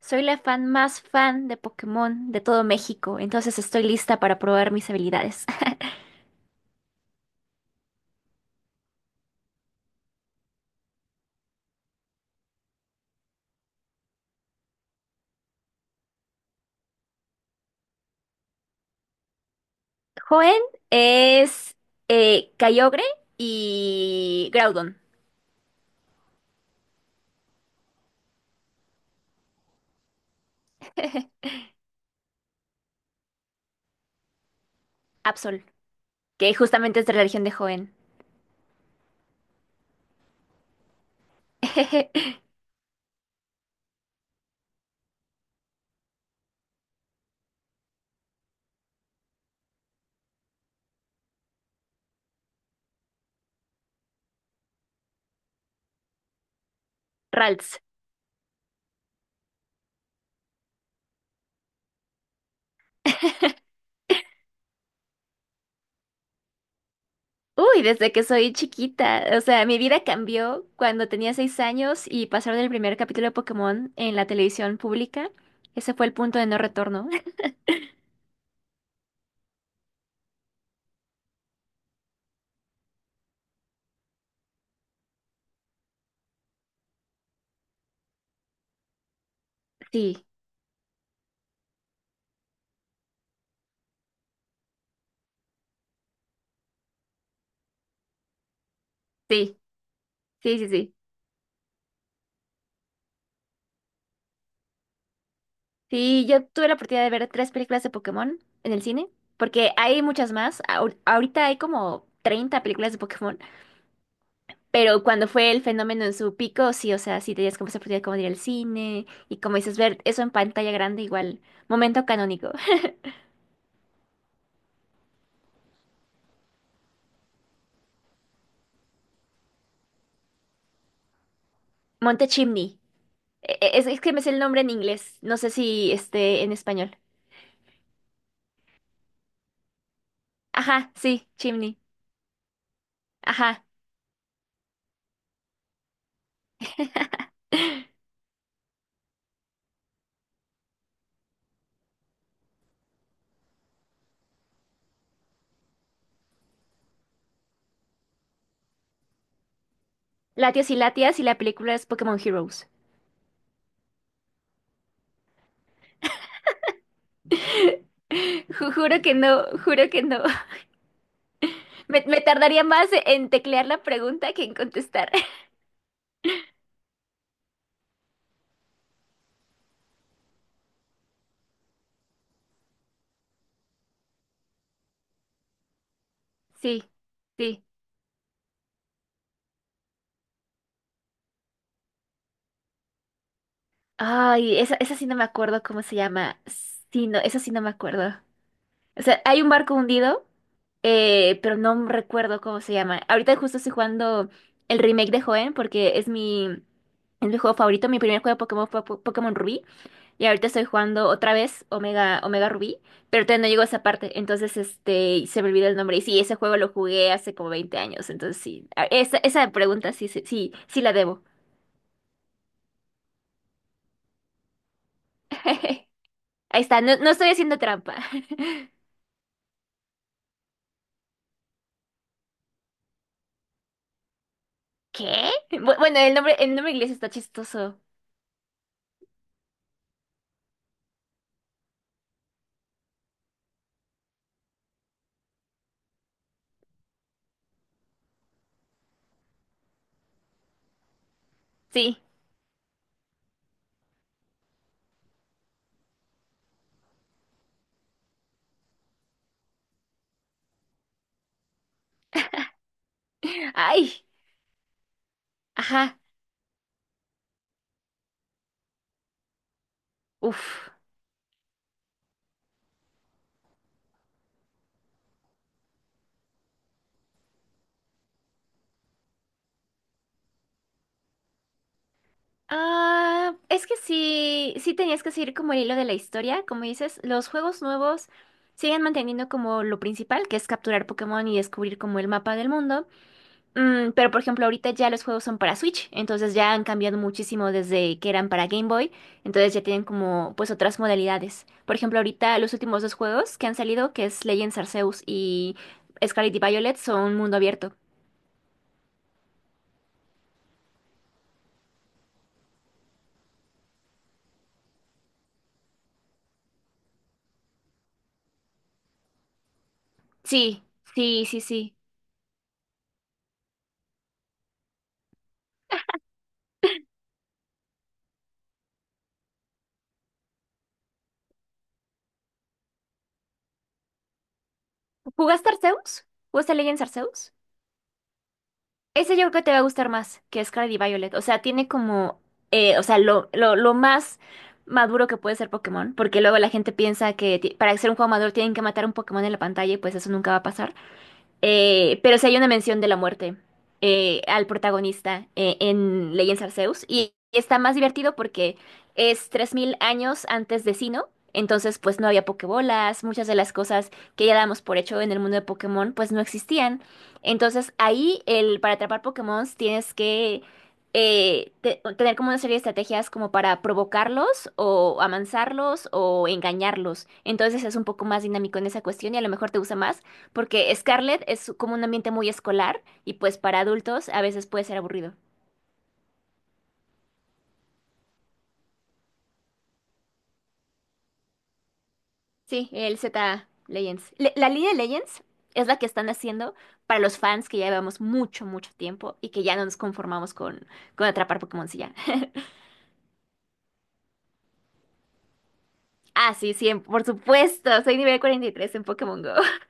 Soy la fan más fan de Pokémon de todo México, entonces estoy lista para probar mis habilidades. Joen es Kyogre y Groudon. Absol, que justamente es de la región de Joen. Ralts. Uy, desde que soy chiquita. O sea, mi vida cambió cuando tenía 6 años y pasaron el primer capítulo de Pokémon en la televisión pública. Ese fue el punto de no retorno. Sí, sí, sí, sí, sí. Sí, yo tuve la oportunidad de ver 3 películas de Pokémon en el cine, porque hay muchas más. Ahorita hay como 30 películas de Pokémon, pero cuando fue el fenómeno en su pico, sí, o sea, sí tenías como esa oportunidad como de ir al cine y, como dices, ver eso en pantalla grande igual, momento canónico. Monte Chimney. Es que me sé el nombre en inglés, no sé si esté en español. Ajá, sí, Chimney. Ajá. Latios y Latias, y la película es Pokémon Heroes. Juro que no, juro que no. Me tardaría más en teclear la pregunta que en contestar. Sí, sí. Ay, esa sí no me acuerdo cómo se llama. Sí, no, esa sí no me acuerdo. O sea, hay un barco hundido, pero no recuerdo cómo se llama. Ahorita justo estoy jugando el remake de Joen porque es mi juego favorito. Mi primer juego de Pokémon fue Pokémon Rubí. Y ahorita estoy jugando otra vez Omega Rubí, pero todavía no llego a esa parte, entonces se me olvidó el nombre. Y sí, ese juego lo jugué hace como 20 años, entonces sí, esa pregunta sí, sí, sí, sí la debo. Ahí está, no, no estoy haciendo trampa. ¿Qué? Bueno, el nombre inglés está chistoso. Sí. Ay, ajá. Uf. Ah, es que sí, sí tenías que seguir como el hilo de la historia, como dices. Los juegos nuevos siguen manteniendo como lo principal, que es capturar Pokémon y descubrir como el mapa del mundo. Pero, por ejemplo, ahorita ya los juegos son para Switch, entonces ya han cambiado muchísimo desde que eran para Game Boy, entonces ya tienen como pues otras modalidades. Por ejemplo, ahorita los últimos 2 juegos que han salido, que es Legends Arceus y Scarlet y Violet, son mundo abierto. Sí, sí, sí, sí. ¿Jugaste Arceus? ¿Jugaste Legends Arceus? Ese yo creo que te va a gustar más que Scarlet y Violet. O sea, tiene como, o sea, lo más maduro que puede ser Pokémon, porque luego la gente piensa que para ser un juego maduro tienen que matar un Pokémon en la pantalla, y pues eso nunca va a pasar. Pero sí hay una mención de la muerte al protagonista en Legends Arceus. Y está más divertido porque es 3000 años antes de Sinnoh. Entonces, pues no había pokebolas, muchas de las cosas que ya damos por hecho en el mundo de Pokémon, pues no existían. Entonces, para atrapar Pokémon tienes que tener como una serie de estrategias como para provocarlos o amansarlos o engañarlos. Entonces es un poco más dinámico en esa cuestión, y a lo mejor te gusta más porque Scarlett es como un ambiente muy escolar y pues para adultos a veces puede ser aburrido. Sí, el Z Legends. La línea Legends es la que están haciendo para los fans que ya llevamos mucho, mucho tiempo y que ya no nos conformamos con, atrapar Pokémon si ya. Ah, sí, sí, por supuesto, soy nivel 43 en Pokémon Go.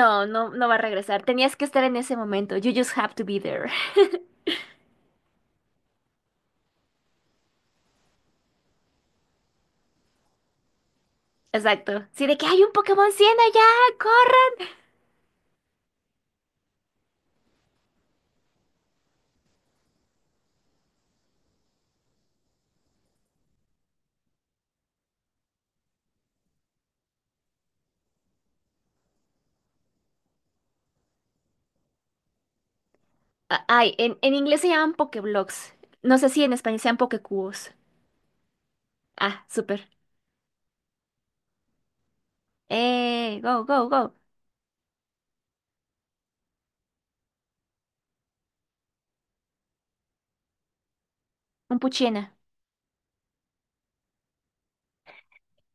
No, no, no va a regresar. Tenías que estar en ese momento. You just have to be there. Exacto. Sí, de que hay un Pokémon 100 allá, corre. Ah, ay, en inglés se llaman Pokéblocks. No sé si en español sean Pokécubos. Ah, súper. Go, go, go. Un puchena.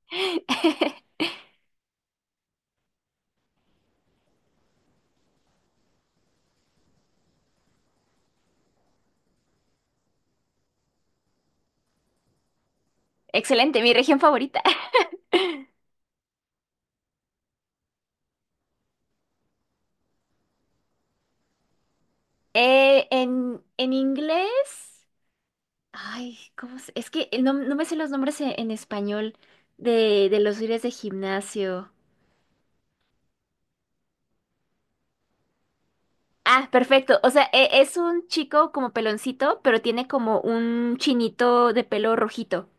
Excelente, mi región favorita. En inglés. Ay, es que no me sé los nombres en español de los líderes de gimnasio. Ah, perfecto. O sea, es un chico como peloncito, pero tiene como un chinito de pelo rojito.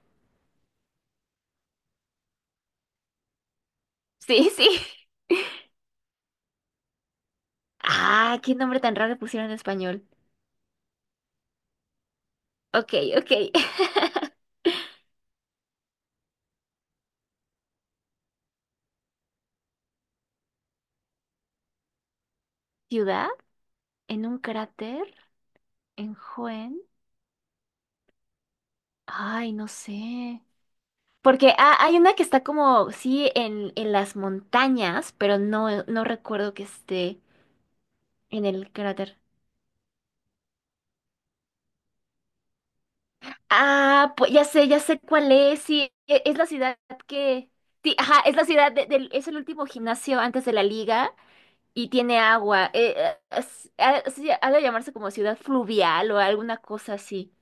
Sí, sí. Ah, qué nombre tan raro le pusieron en español. Ok, ok. ¿Ciudad? ¿En un cráter? En Joen, ay, no sé. Porque hay una que está como, sí, en las montañas, pero no recuerdo que esté en el cráter. Ah, pues ya sé cuál es. Sí, es la ciudad que. Sí, ajá, es la ciudad del. Es el último gimnasio antes de la liga y tiene agua. Ha sí, ha de llamarse como ciudad fluvial o alguna cosa así.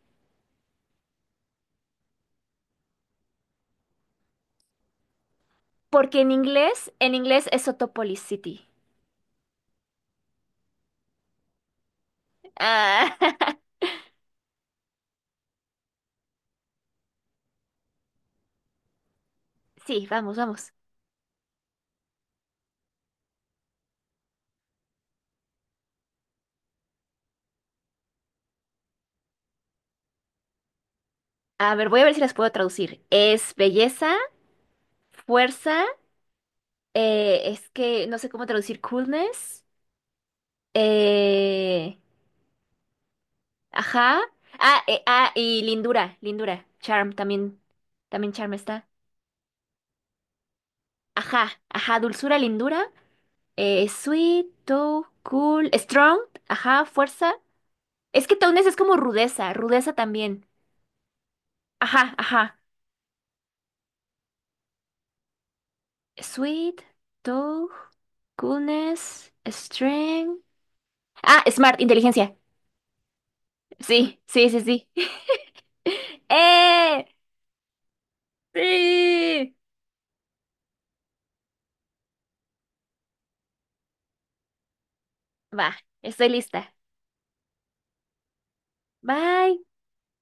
Porque en inglés es Sotopolis City. Ah, sí, vamos, vamos. A ver, voy a ver si las puedo traducir. Es belleza, fuerza, es que no sé cómo traducir coolness. eh, ajá. Ah, ah, y lindura, lindura. Charm también, también charm está. Ajá, ajá, dulzura, lindura. Sweet, tough, cool, strong, ajá, fuerza. Es que toughness es como rudeza, rudeza también. Ajá, ajá. Sweet, tough, coolness, strength. Ah, smart, inteligencia. Sí, sí, sí, sí. ¡Eh! ¡Sí! Va, estoy lista. Bye.